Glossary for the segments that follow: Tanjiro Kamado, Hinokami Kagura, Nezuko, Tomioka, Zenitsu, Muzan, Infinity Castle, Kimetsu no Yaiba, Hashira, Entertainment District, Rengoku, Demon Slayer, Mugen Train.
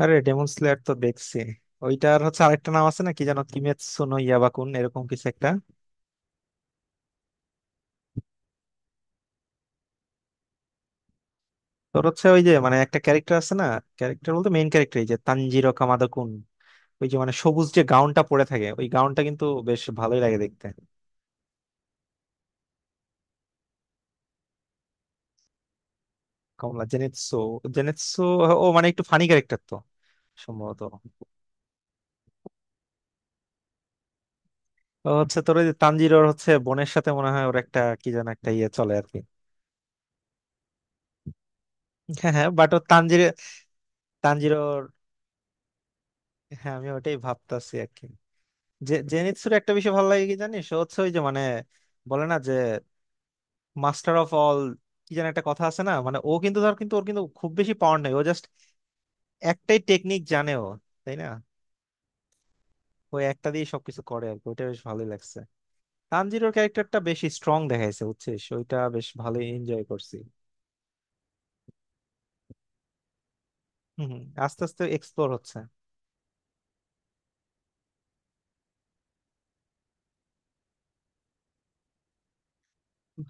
আরে demon Slayer তো দেখছি। ওইটার হচ্ছে আরেকটা নাম আছে না, কি যেন কিমেৎসু নো ইয়াবাকুন, এরকম কিছু একটা। তোর হচ্ছে ওই যে মানে একটা ক্যারেক্টার আছে না, ক্যারেক্টার বলতে মেইন ক্যারেক্টার, এই যে তানজিরো কামাদা-কুন। ওই যে মানে সবুজ যে গাউনটা পরে থাকে, ওই গাউনটা কিন্তু বেশ ভালোই লাগে দেখতে। কমলা জেনেৎসু জেনেৎসু ও মানে একটু ফানি ক্যারেক্টার তো, সম্ভবত। ও হচ্ছে তোর ওই যে তানজিরোর হচ্ছে বোনের সাথে মনে হয় ওর একটা কি যেন একটা ইয়ে চলে আর কি। হ্যাঁ হ্যাঁ, বাট ও তানজিরোর। হ্যাঁ, আমি ওটাই ভাবতাছি আর কি। জেনিৎসুর একটা বিষয় ভালো লাগে কি জানিস, ও হচ্ছে ওই যে মানে, বলে না যে মাস্টার অফ অল, কি যেন একটা কথা আছে না, মানে ও কিন্তু ধর কিন্তু ওর কিন্তু খুব বেশি পাওয়ার নেই, ও জাস্ট একটাই টেকনিক জানে ও, তাই না। ওই একটা দিয়ে সবকিছু করে আর কি, ওইটা বেশ ভালোই লাগছে। তানজিরোর ক্যারেক্টারটা বেশি স্ট্রং দেখাইছে বুঝছিস, ওইটা বেশ ভালোই এনজয় করছি। হম হম আস্তে আস্তে এক্সপ্লোর হচ্ছে।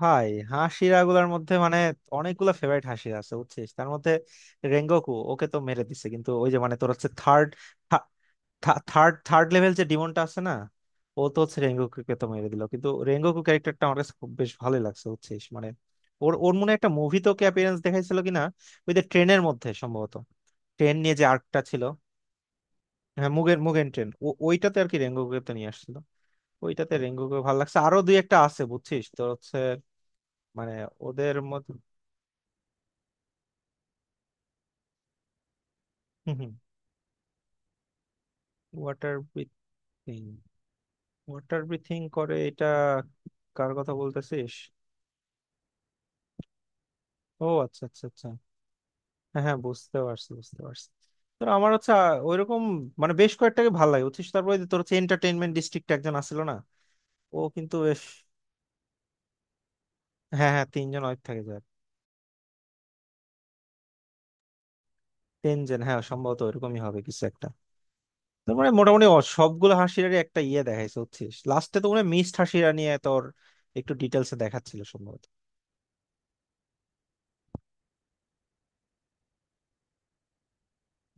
ভাই, হাসিরা গুলার মধ্যে মানে, অনেকগুলো ফেভারিট হাসি আছে বুঝছিস, তার মধ্যে রেঙ্গোকু, ওকে তো মেরে দিছে, কিন্তু ওই যে মানে তোর হচ্ছে থার্ড, থার্ড লেভেল যে ডিমনটা আছে না, ও তো হচ্ছে রেঙ্গোকুকে তো মেরে দিল, কিন্তু রেঙ্গোকু ক্যারেক্টারটা আমার কাছে খুব বেশ ভালোই লাগছে বুঝছিস, মানে ওর ওর মনে হয় একটা মুভি তো অ্যাপিয়ারেন্স দেখাইছিল কিনা, ওই যে ট্রেনের মধ্যে সম্ভবত, ট্রেন নিয়ে যে আর্কটা ছিল। হ্যাঁ, মুগেন ট্রেন। ওইটাতে আর কি রেঙ্গোকুকে তো নিয়ে আসছিল, ওইটাতে রেঙ্গোকুকে ভালো লাগছে, আরো দুই একটা আছে বুঝছিস, তো হচ্ছে মানে ওদের মধ্যে। হম হম, ওয়াটার ব্রিথিং। ওয়াটার ব্রিথিং করে এটা? কার কথা বলতেছিস? ও আচ্ছা আচ্ছা আচ্ছা, হ্যাঁ হ্যাঁ, বুঝতে পারছি বুঝতে পারছি। তো আমার হচ্ছে ওইরকম মানে বেশ কয়েকটাকে ভালো লাগে বুঝছিস, তারপরে যে তোর হচ্ছে এন্টারটেইনমেন্ট ডিস্ট্রিক্ট একজন আসছিল না, ও কিন্তু বেশ। হ্যাঁ হ্যাঁ, তিনজন অনেক থাকে যার, তিনজন, হ্যাঁ সম্ভবত ওইরকমই হবে কিছু একটা। তোর মানে মোটামুটি ও সবগুলো হাসিরারই একটা ইয়ে দেখাইছে বুঝছিস, লাস্টে তো মনে হয় মিসড হাসিরা নিয়ে তোর একটু ডিটেলসে দেখাচ্ছিল সম্ভবত।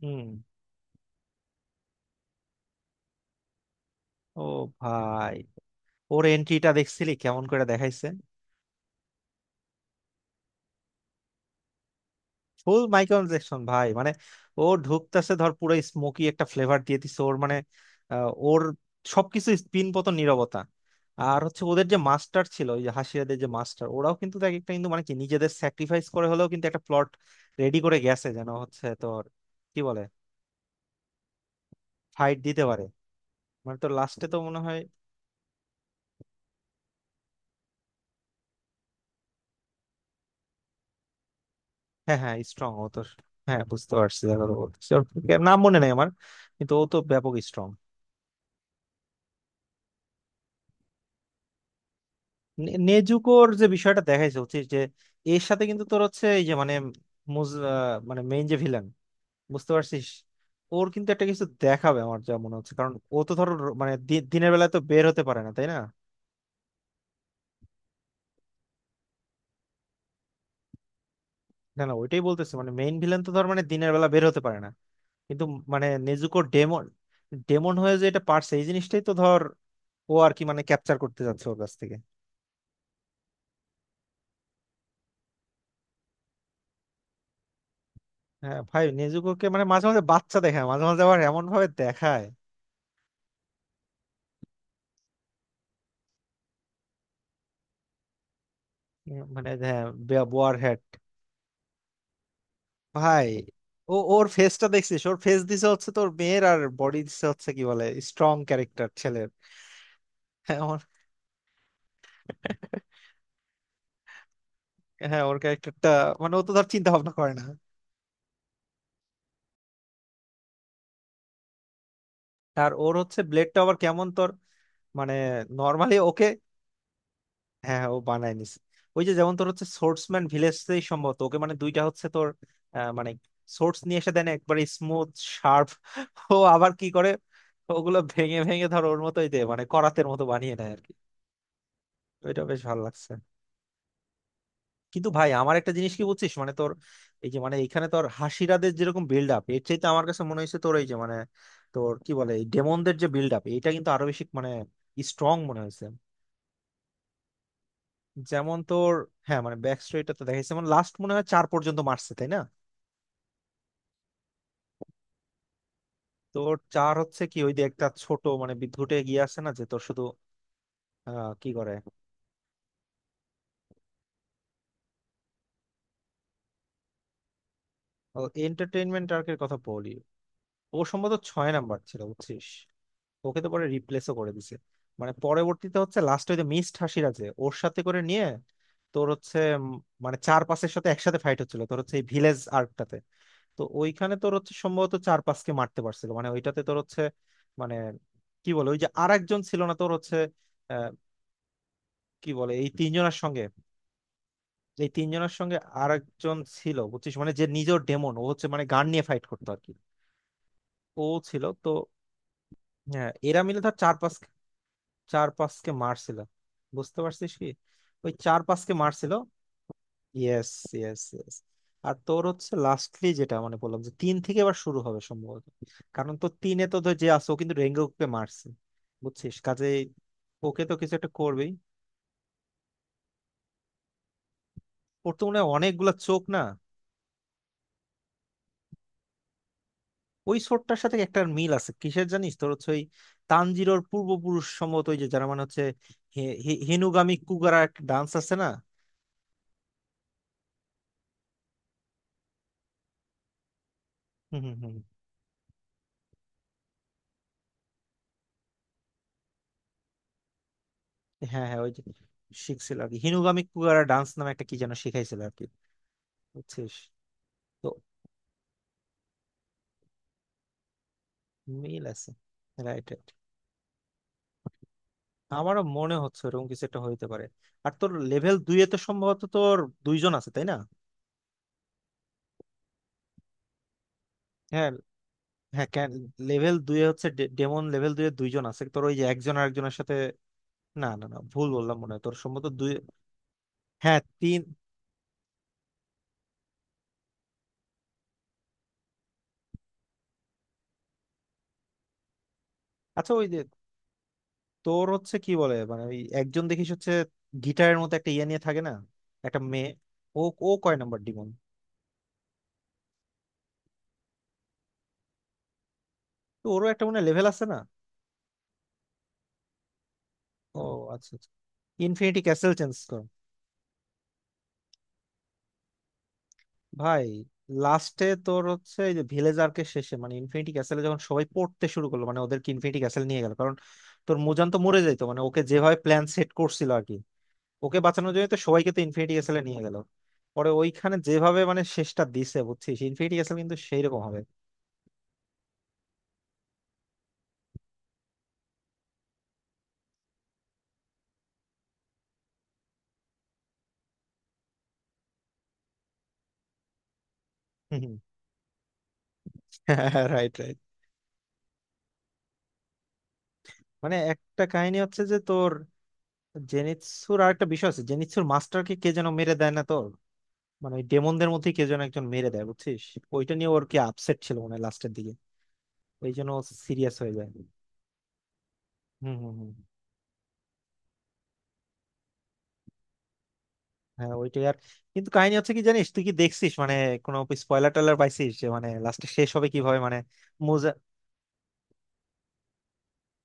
হুম। ও ভাই, ওর এন্ট্রিটা দেখছিলি কেমন করে দেখাইছে, ফুল মাইকেল জ্যাকসন ভাই মানে। ও ঢুকতেছে ধর, পুরো স্মোকি একটা ফ্লেভার দিয়ে দিছে ওর মানে, ওর সবকিছু স্পিন, পতন, নীরবতা। আর হচ্ছে ওদের যে মাস্টার ছিল, ওই যে হাসিয়াদের যে মাস্টার, ওরাও কিন্তু দেখ একটা কিন্তু মানে কি নিজেদের স্যাক্রিফাইস করে হলেও কিন্তু একটা প্লট রেডি করে গেছে যেন, হচ্ছে তোর কি বলে, ফাইট দিতে পারে মানে, তোর লাস্টে তো মনে হয়। হ্যাঁ হ্যাঁ, স্ট্রং ও তো। হ্যাঁ বুঝতে পারছি, দেখো তো বলতেছি। ওর নাম মনে নেই আমার, কিন্তু ও তো ব্যাপক স্ট্রং। নেজুকোর যে বিষয়টা দেখাইছে হচ্ছে যে, এর সাথে কিন্তু তোর হচ্ছে এই যে মানে, মানে মেইন যে ভিলেন, বুঝতে পারছিস, ওর কিন্তু একটা কিছু দেখাবে আমার যা মনে হচ্ছে, কারণ ও তো ধর মানে দিনের বেলা তো বের হতে পারে না, তাই না। না না, ওইটাই বলতেছে মানে মেইন ভিলেন তো ধর মানে দিনের বেলা বের হতে পারে না, কিন্তু মানে নেজুকো ডেমন ডেমন হয়ে যে এটা পারছে, এই জিনিসটাই তো ধর ও আর কি মানে ক্যাপচার করতে যাচ্ছে ওর কাছ থেকে। হ্যাঁ ভাই, নেজুকোকে মানে মাঝে মাঝে বাচ্চা দেখায়, মাঝে মাঝে আবার এমন ভাবে দেখায়। মানে হ্যাঁ, বোয়ার। ভাই, ও ওর ফেসটা দেখছিস, ওর ফেস দিছে হচ্ছে তোর মেয়ের, আর বডি দিছে হচ্ছে কি বলে স্ট্রং ক্যারেক্টার ছেলের। হ্যাঁ ওর, ক্যারেক্টারটা মানে ও তো ধর চিন্তা ভাবনা করে না। আর ওর হচ্ছে ব্লেডটা আবার কেমন তোর, মানে নর্মালি ওকে, হ্যাঁ হ্যাঁ, ও বানায় নিছে। ওই যে যেমন তোর হচ্ছে সোর্সম্যান ভিলেজতেই সম্ভবত ওকে মানে দুইটা হচ্ছে তোর, মানে সোর্স নিয়ে এসে দেন একবারে স্মুথ, শার্প। ও আবার কি করে ওগুলো ভেঙে ভেঙে ধর, ওর মতোই দে মানে করাতের মতো বানিয়ে নেয় আর কি, ওইটা বেশ ভালো লাগছে। কিন্তু ভাই আমার একটা জিনিস কি বলছিস মানে তোর, এই যে মানে এখানে তোর হাসিরাদের যেরকম বিল্ড আপ, এর চাইতে আমার কাছে মনে হয়েছে তোর এই যে মানে তোর কি বলে এই ডেমনদের যে বিল্ড আপ, এটা কিন্তু আরো বেশি মানে স্ট্রং মনে হয়েছে। যেমন তোর, হ্যাঁ মানে ব্যাক স্ট্রেটটা তো দেখাইছে, মানে লাস্ট মনে হয় চার পর্যন্ত মারছে তাই না। তোর চার হচ্ছে কি ওই যে একটা ছোট মানে বিদ্যুটে গিয়ে আসে না যে তোর শুধু কি করে, এন্টারটেইনমেন্ট আর্কের কথা বলি, ও সম্ভবত ছয় নাম্বার ছিল বুঝছিস, ওকে তো পরে রিপ্লেসও করে দিছে, মানে পরবর্তীতে হচ্ছে লাস্টে ওই যে মিস্ট হাসির আছে ওর সাথে করে নিয়ে, তোর হচ্ছে মানে চার পাঁচের সাথে একসাথে ফাইট হচ্ছিল তোর হচ্ছে এই ভিলেজ আর্কটাতে। তো ওইখানে তোর হচ্ছে সম্ভবত চার পাঁচকে মারতে পারছিল মানে ওইটাতে তোর হচ্ছে মানে কি বলে, ওই যে আর একজন ছিল না তোর হচ্ছে, আহ, কি বলে এই তিনজনের সঙ্গে, এই তিনজনের সঙ্গে আর একজন ছিল বুঝছিস মানে যে নিজের ডেমন, ও হচ্ছে মানে গান নিয়ে ফাইট করতো আর কি, ও ছিল তো। হ্যাঁ, এরা মিলে ধর চার পাঁচকে মারছিল, বুঝতে পারছিস কি, ওই চার পাঁচকে মারছিল। Yes, yes, yes. আর তোর হচ্ছে লাস্টলি যেটা মানে বললাম যে তিন থেকে এবার শুরু হবে সম্ভবত, কারণ তো তিনে তো ধর যে আছে ও কিন্তু রেঙ্গুকে মারছে বুঝছিস, কাজে ওকে তো কিছু একটা করবেই। ওর তো মনে হয় অনেকগুলা চোখ না, ওই ছোটটার সাথে একটা মিল আছে কিসের জানিস, তোর হচ্ছে ওই তানজিরোর পূর্বপুরুষ সম্ভবত, ওই যে যারা মানে হচ্ছে হে- হে- হেনুগামি কুগারা, একটা ডান্স আছে না। হুম হুম হুম, হ্যাঁ হ্যাঁ ওই যে শিখছিল আর কি, হিনুগামি কুগারা ডান্স নামে একটা কি যেন শিখাইছিল আর কি, বুঝছিস। তো মিল আছে, রাইট, রাইট। আমারও মনে হচ্ছে ওরকম কিছু একটা হইতে পারে। আর তোর লেভেল দুই এ তো সম্ভবত তোর দুইজন আছে তাই না। হ্যাঁ হ্যাঁ, লেভেল দুই এ হচ্ছে ডেমন লেভেল দুই এ দুইজন আছে তোর, ওই যে একজন আর একজনের সাথে, না না না, ভুল বললাম মনে হয় তোর সম্ভবত দুই, হ্যাঁ তিন। আচ্ছা ওই যে তোর হচ্ছে কি বলে মানে ওই একজন দেখিস হচ্ছে গিটারের মতো একটা ইয়ে নিয়ে থাকে না, একটা মেয়ে, ও ও কয় নাম্বার, তো ওরও একটা মনে লেভেল আছে না। ও আচ্ছা আচ্ছা, ইনফিনিটি ক্যাসেল চেঞ্জ কর। ভাই লাস্টে তোর হচ্ছে এই যে ভিলেজারকে শেষে মানে ইনফিনিটি ক্যাসেলে যখন সবাই পড়তে শুরু করলো, মানে ওদেরকে ইনফিনিটি ক্যাসেল নিয়ে গেল কারণ তোর মুজান তো মরে যাইতো মানে ওকে যেভাবে প্ল্যান সেট করছিল আর কি, ওকে বাঁচানোর জন্য তো সবাইকে তো ইনফিনিটি ক্যাসেলে নিয়ে গেল। পরে ওইখানে যেভাবে মানে শেষটা দিছে বুঝছিস, ইনফিনিটি ক্যাসেল কিন্তু সেই রকম হবে। Right, right. মানে একটা কাহিনী হচ্ছে যে তোর, জেনিৎসুর আর একটা বিষয় আছে, জেনিৎসুর মাস্টারকে কে যেন মেরে দেয় না তোর, মানে ওই ডেমনদের মধ্যে কে যেন একজন মেরে দেয় বুঝছিস, ওইটা নিয়ে ওর কি আপসেট ছিল মনে হয় লাস্টের দিকে, ওই জন্য সিরিয়াস হয়ে যায়। হুম হুম হুম, হ্যাঁ ওইটাই আর কিন্তু কাহিনী হচ্ছে কি জানিস, তুই কি দেখছিস মানে কোনো স্পয়লার টয়লার পাইছিস যে মানে লাস্টে শেষ হবে কিভাবে মানে মোজা।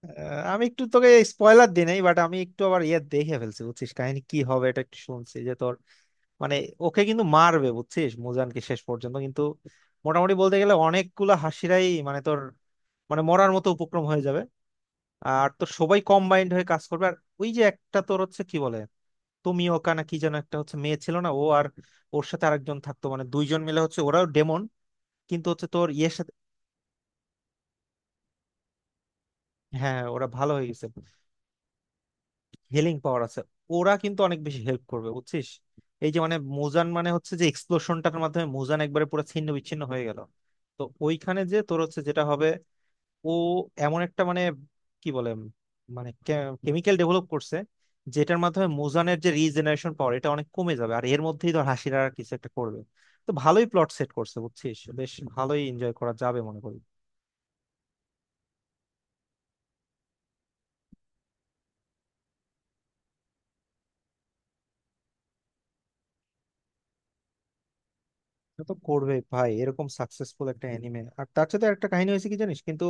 আমি একটু তোকে স্পয়লার দিই নাই, বাট আমি একটু আবার ইয়ে দেখে ফেলছি বুঝছিস কাহিনী কি হবে, এটা একটু শুনছি যে তোর, মানে ওকে কিন্তু মারবে বুঝছিস, মোজানকে শেষ পর্যন্ত, কিন্তু মোটামুটি বলতে গেলে অনেকগুলা হাসিরাই মানে তোর মানে মরার মতো উপক্রম হয়ে যাবে, আর তো সবাই কম্বাইন্ড হয়ে কাজ করবে। আর ওই যে একটা তোর হচ্ছে কি বলে তোমিওকা না কি যেন একটা হচ্ছে মেয়ে ছিল না ও আর, ওর সাথে আরেকজন থাকতো মানে দুইজন মিলে হচ্ছে ওরাও ডেমন কিন্তু হচ্ছে তোর ইয়ের সাথে, হ্যাঁ ওরা ভালো হয়ে গেছে, হিলিং পাওয়ার আছে, ওরা কিন্তু অনেক বেশি হেল্প করবে বুঝছিস। এই যে মানে মুজান মানে হচ্ছে যে এক্সপ্লোশনটার মাধ্যমে মুজান একবারে পুরো ছিন্ন বিচ্ছিন্ন হয়ে গেল, তো ওইখানে যে তোর হচ্ছে যেটা হবে, ও এমন একটা মানে কি বলে মানে কেমিক্যাল ডেভেলপ করছে, যেটার মাধ্যমে মোজানের যে রিজেনারেশন পাওয়ার এটা অনেক কমে যাবে, আর এর মধ্যেই ধর হাসিরা আর কিছু একটা করবে। তো ভালোই প্লট সেট করছে বুঝছিস, বেশ ভালোই এনজয় করা যাবে মনে করি। এটা তো করবে ভাই, এরকম সাকসেসফুল একটা অ্যানিমে, আর তার সাথে একটা কাহিনী হয়েছে কি জানিস কিন্তু,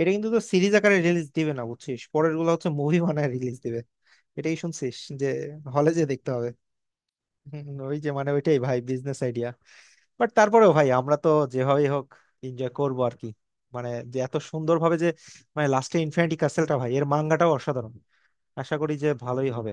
এটা কিন্তু তো সিরিজ আকারে রিলিজ দিবে না বুঝছিস, পরের গুলো হচ্ছে মুভি বানায় রিলিজ দিবে, এটাই শুনছিস, যে হলে যে দেখতে হবে। হুম, ওই যে মানে ওইটাই ভাই বিজনেস আইডিয়া, বাট তারপরেও ভাই আমরা তো যেভাবেই হোক এনজয় করবো আর কি, মানে যে এত সুন্দর ভাবে যে মানে লাস্টে ইনফিনিটি কাসেলটা ভাই, এর মাঙ্গাটাও অসাধারণ, আশা করি যে ভালোই হবে।